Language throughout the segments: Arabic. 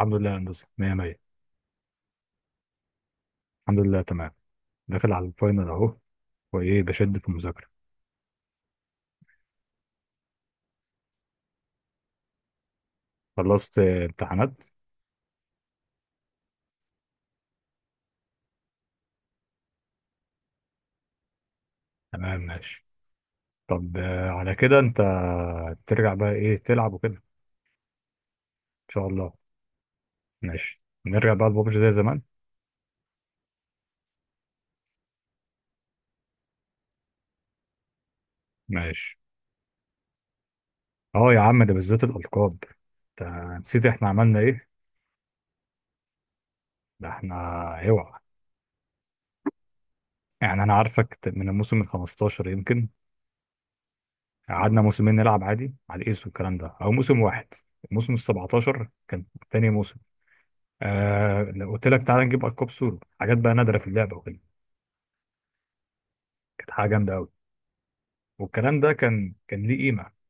الحمد لله يا هندسة، مية مية. الحمد لله، تمام. داخل على الفاينل أهو، وإيه بشد في المذاكرة. خلصت، امتحانات. تمام، ماشي. طب، على كده أنت ترجع بقى إيه تلعب وكده إن شاء الله. ماشي، نرجع بقى لبابجي زي زمان. ماشي. أه يا عم، ده بالذات الألقاب. أنت نسيت إحنا عملنا إيه؟ ده إحنا، أوعى. يعني أنا عارفك من الموسم ال 15 يمكن. قعدنا موسمين نلعب عادي على الإيس والكلام ده، أو موسم واحد. الموسم ال 17 كان تاني موسم. لو قلت لك تعالى نجيب ألقاب سورو، حاجات بقى نادرة في اللعبة وكده. كانت حاجة جامدة أوي. والكلام ده كان ليه قيمة.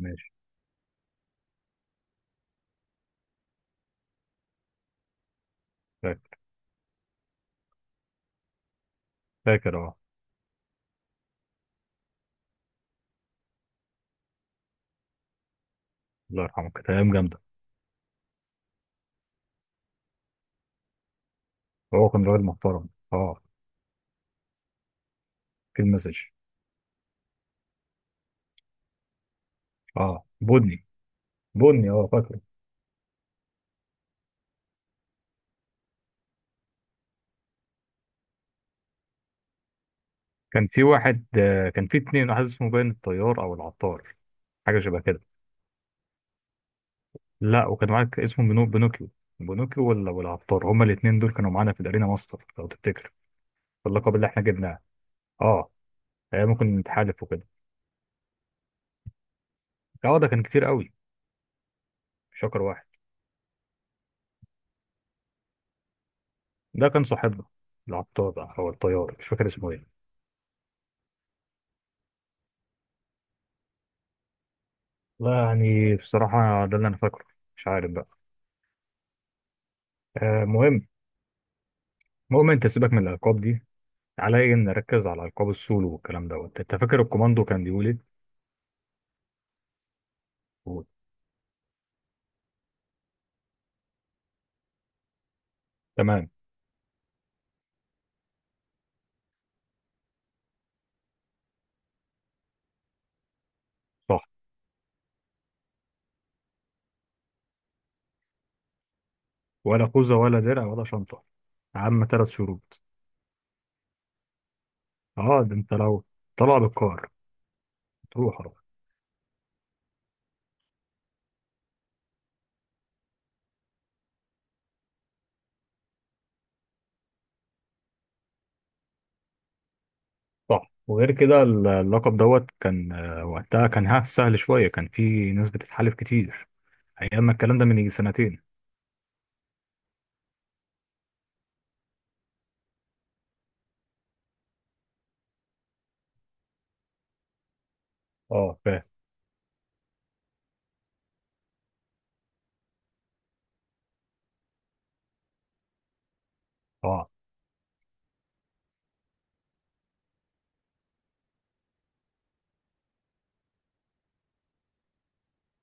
ماشي. فاكر. فاكر، اه. الله يرحمه، كانت أيام جامدة. هو كان راجل محترم، اه. في المسج. اه، بني. بني، اه، فاكره. كان في واحد، كان في اتنين. واحد اسمه باين الطيار أو العطار، حاجة شبه كده. لا، وكان معاك اسمه بينوكيو. بينوكيو، ولا والعطار، هما الاتنين دول كانوا معانا في الأرينا ماستر لو تفتكر، اللقب اللي احنا جبناه. اه. ممكن نتحالف وكده. اه، ده كان كتير قوي. مش شكر واحد، ده كان صاحبنا. العطار او الطيار، مش فاكر اسمه ايه. لا يعني بصراحه ده اللي انا فاكره، مش عارف بقى. مهم. المهم انت سيبك من الالقاب دي، عليا ان نركز على القاب السولو والكلام دوت. انت فاكر الكوماندو كان بيقول ايه؟ قول. تمام. صح. ولا خوذه، ولا درع، ولا شنطه. عم ثلاث شروط. اه، ده انت لو طلع بالقار، تروح اروح. صح. وغير كده اللقب دوت كان، وقتها كان سهل شويه، كان في ناس بتتحالف كتير. ايام ما الكلام ده، من يجي سنتين. اه، فاهم. اه.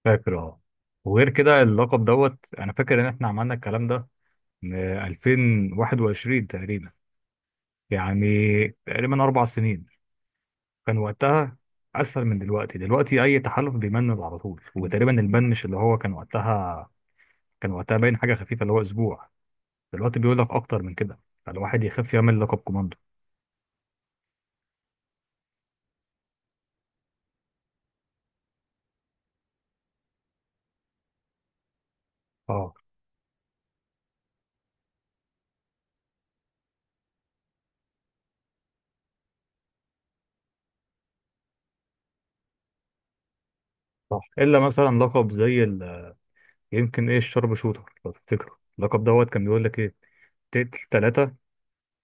فاكر، اه. وغير كده اللقب دوت، انا فاكر ان احنا عملنا الكلام ده من 2021 تقريبا، يعني تقريبا اربع سنين. كان وقتها اسهل من دلوقتي. اي تحالف بيمنن على طول، وتقريبا البن مش اللي هو كان وقتها. كان وقتها باين حاجه خفيفه، اللي هو اسبوع. دلوقتي بيقول لك اكتر من كده، فالواحد يخاف يعمل لقب كوماندو. اه، صح. الا مثلا لقب زي ال... يمكن ايه، الشرب شوتر. لو تفتكره، اللقب دوت كان بيقول لك ايه؟ تقتل ثلاثه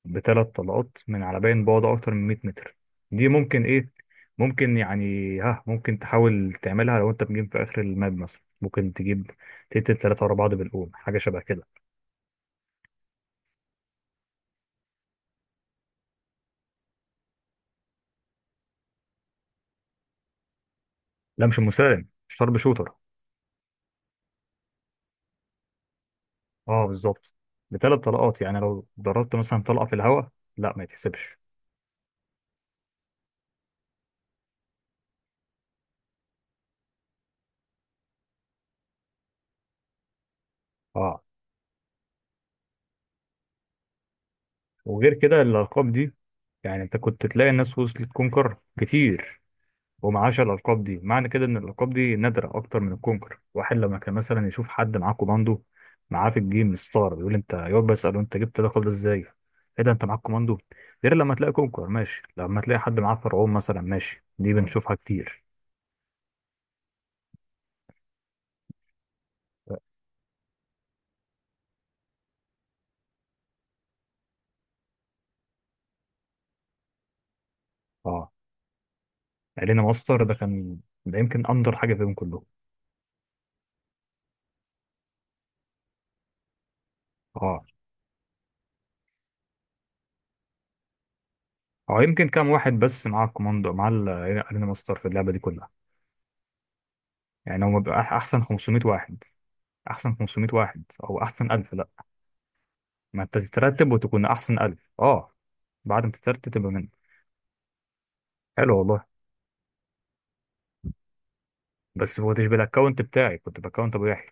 بثلاث طلقات من على باين بعد اكتر من 100 متر. دي ممكن، ايه، ممكن يعني. ممكن تحاول تعملها لو انت بتجيب في اخر الماب. مثلا ممكن تجيب تقتل ثلاثة ورا بعض بالقوم، حاجة شبه كده. لا، مش مسالم، شارب شوتر. اه، بالظبط. بثلاث طلقات، يعني لو ضربت مثلا طلقة في الهواء، لا ما يتحسبش. اه. وغير كده الالقاب دي، يعني انت كنت تلاقي الناس وصلت كونكر كتير، ومعاش الألقاب دي. معنى كده إن الألقاب دي نادرة أكتر من الكونكر. واحد لما كان مثلا يشوف حد معاه كوماندو معاه في الجيم ستار، يقول أنت، يقعد بقى يسأله أنت جبت اللقب ده إزاي؟ إيه ده، أنت معاك كوماندو؟ غير لما تلاقي كونكر، ماشي. لما تلاقي حد معاه فرعون مثلا، ماشي، دي بنشوفها كتير. أه. علينا ماستر ده كان، ده يمكن أندر حاجة فيهم كلهم. أه. أو يمكن كام واحد بس معاه الكوماندو مع علينا ماستر في اللعبة دي كلها. يعني هو بيبقى أحسن 500 واحد، أحسن 500 واحد، أو أحسن 1000. ما انت تترتب وتكون احسن الف، اه. بعد ما تترتب تبقى منه. حلو والله. بس ما كنتش بالاكونت بتاعي، كنت باكونت ابو يحيى.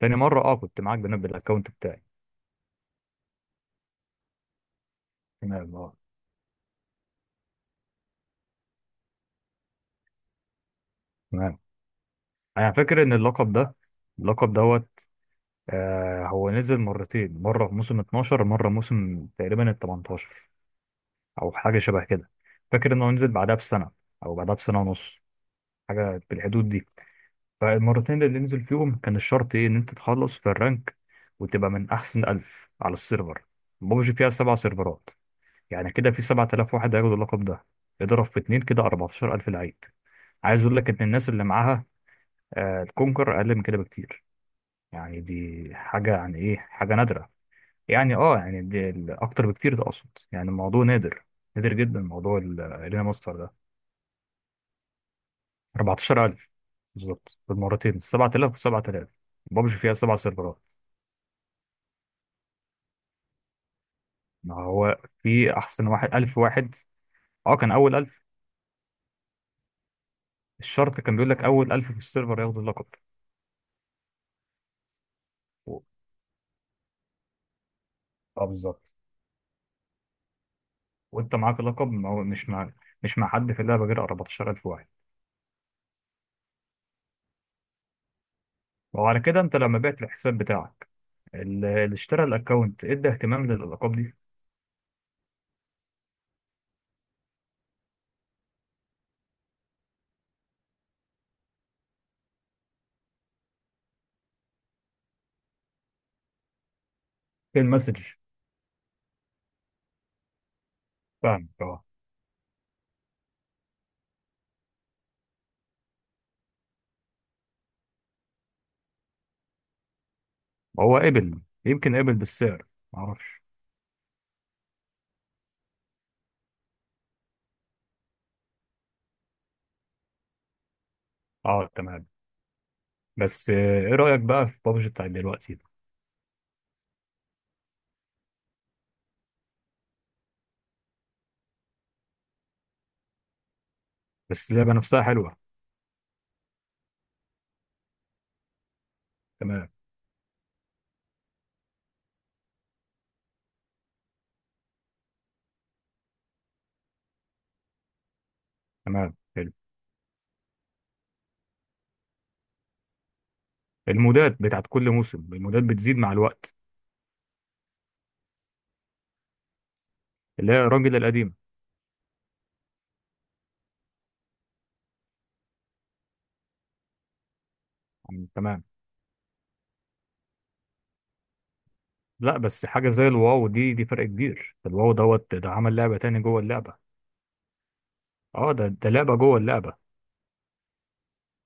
تاني مره، اه، كنت معاك بنفس بالاكونت بتاعي. تمام، اه. تمام. انا فاكر ان اللقب ده، اللقب دوت، هو نزل مرتين. مره في موسم 12، مره موسم تقريبا ال 18، او حاجه شبه كده. فاكر انه نزل بعدها بسنه، او بعدها بسنه ونص، حاجه في الحدود دي. فالمرتين اللي ننزل فيهم، كان الشرط ايه؟ ان انت تخلص في الرانك وتبقى من احسن ألف على السيرفر. ببجي فيها سبع سيرفرات، يعني كده في 7000 واحد هياخدوا اللقب ده. اضرب في اتنين كده، 14000 لعيب. عايز اقول لك ان الناس اللي معاها الكونكر اقل من كده بكتير. يعني دي حاجه، يعني ايه، حاجه نادره. يعني اه، يعني اكتر بكتير ده اقصد. يعني الموضوع نادر، نادر جدا، موضوع الارينا ماستر ده. 14000 بالظبط، بالمرتين 7000 و7000. ببجي فيها سبع سيرفرات. ما هو في احسن، واحد الف واحد. اه، كان اول الف. الشرط كان بيقول لك اول الف في السيرفر ياخدوا اللقب. و... اه، بالظبط. وانت معاك اللقب، ما هو مش مع حد في اللعبه غير 14000 واحد. وعلى كده انت لما بعت الحساب بتاعك، اللي اشترى الاكونت ادى اهتمام للالقاب دي؟ في المسج. فاهم، اه. هو قبل، يمكن قبل بالسعر، ما اعرفش. اه، تمام. بس، ايه رايك بقى في بابجي بتاعت دلوقتي؟ بس اللعبه نفسها حلوه. تمام. تمام. المودات بتاعت كل موسم، المودات بتزيد مع الوقت. اللي هي الراجل القديم. يعني تمام. لا بس حاجة زي الواو، دي فرق كبير. الواو دوت ده عمل لعبة تاني جوه اللعبة. اه، ده لعبة جوه اللعبة.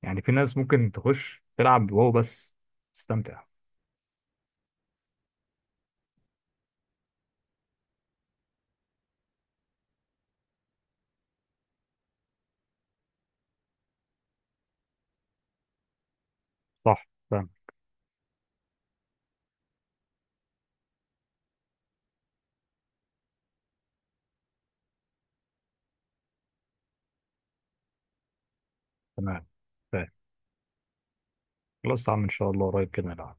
يعني في ناس ممكن تخش تلعب واو بس تستمتع. صح، فاهم. تمام، فاهم. خلاص يا عم، ان شاء الله قريب كده نلعب.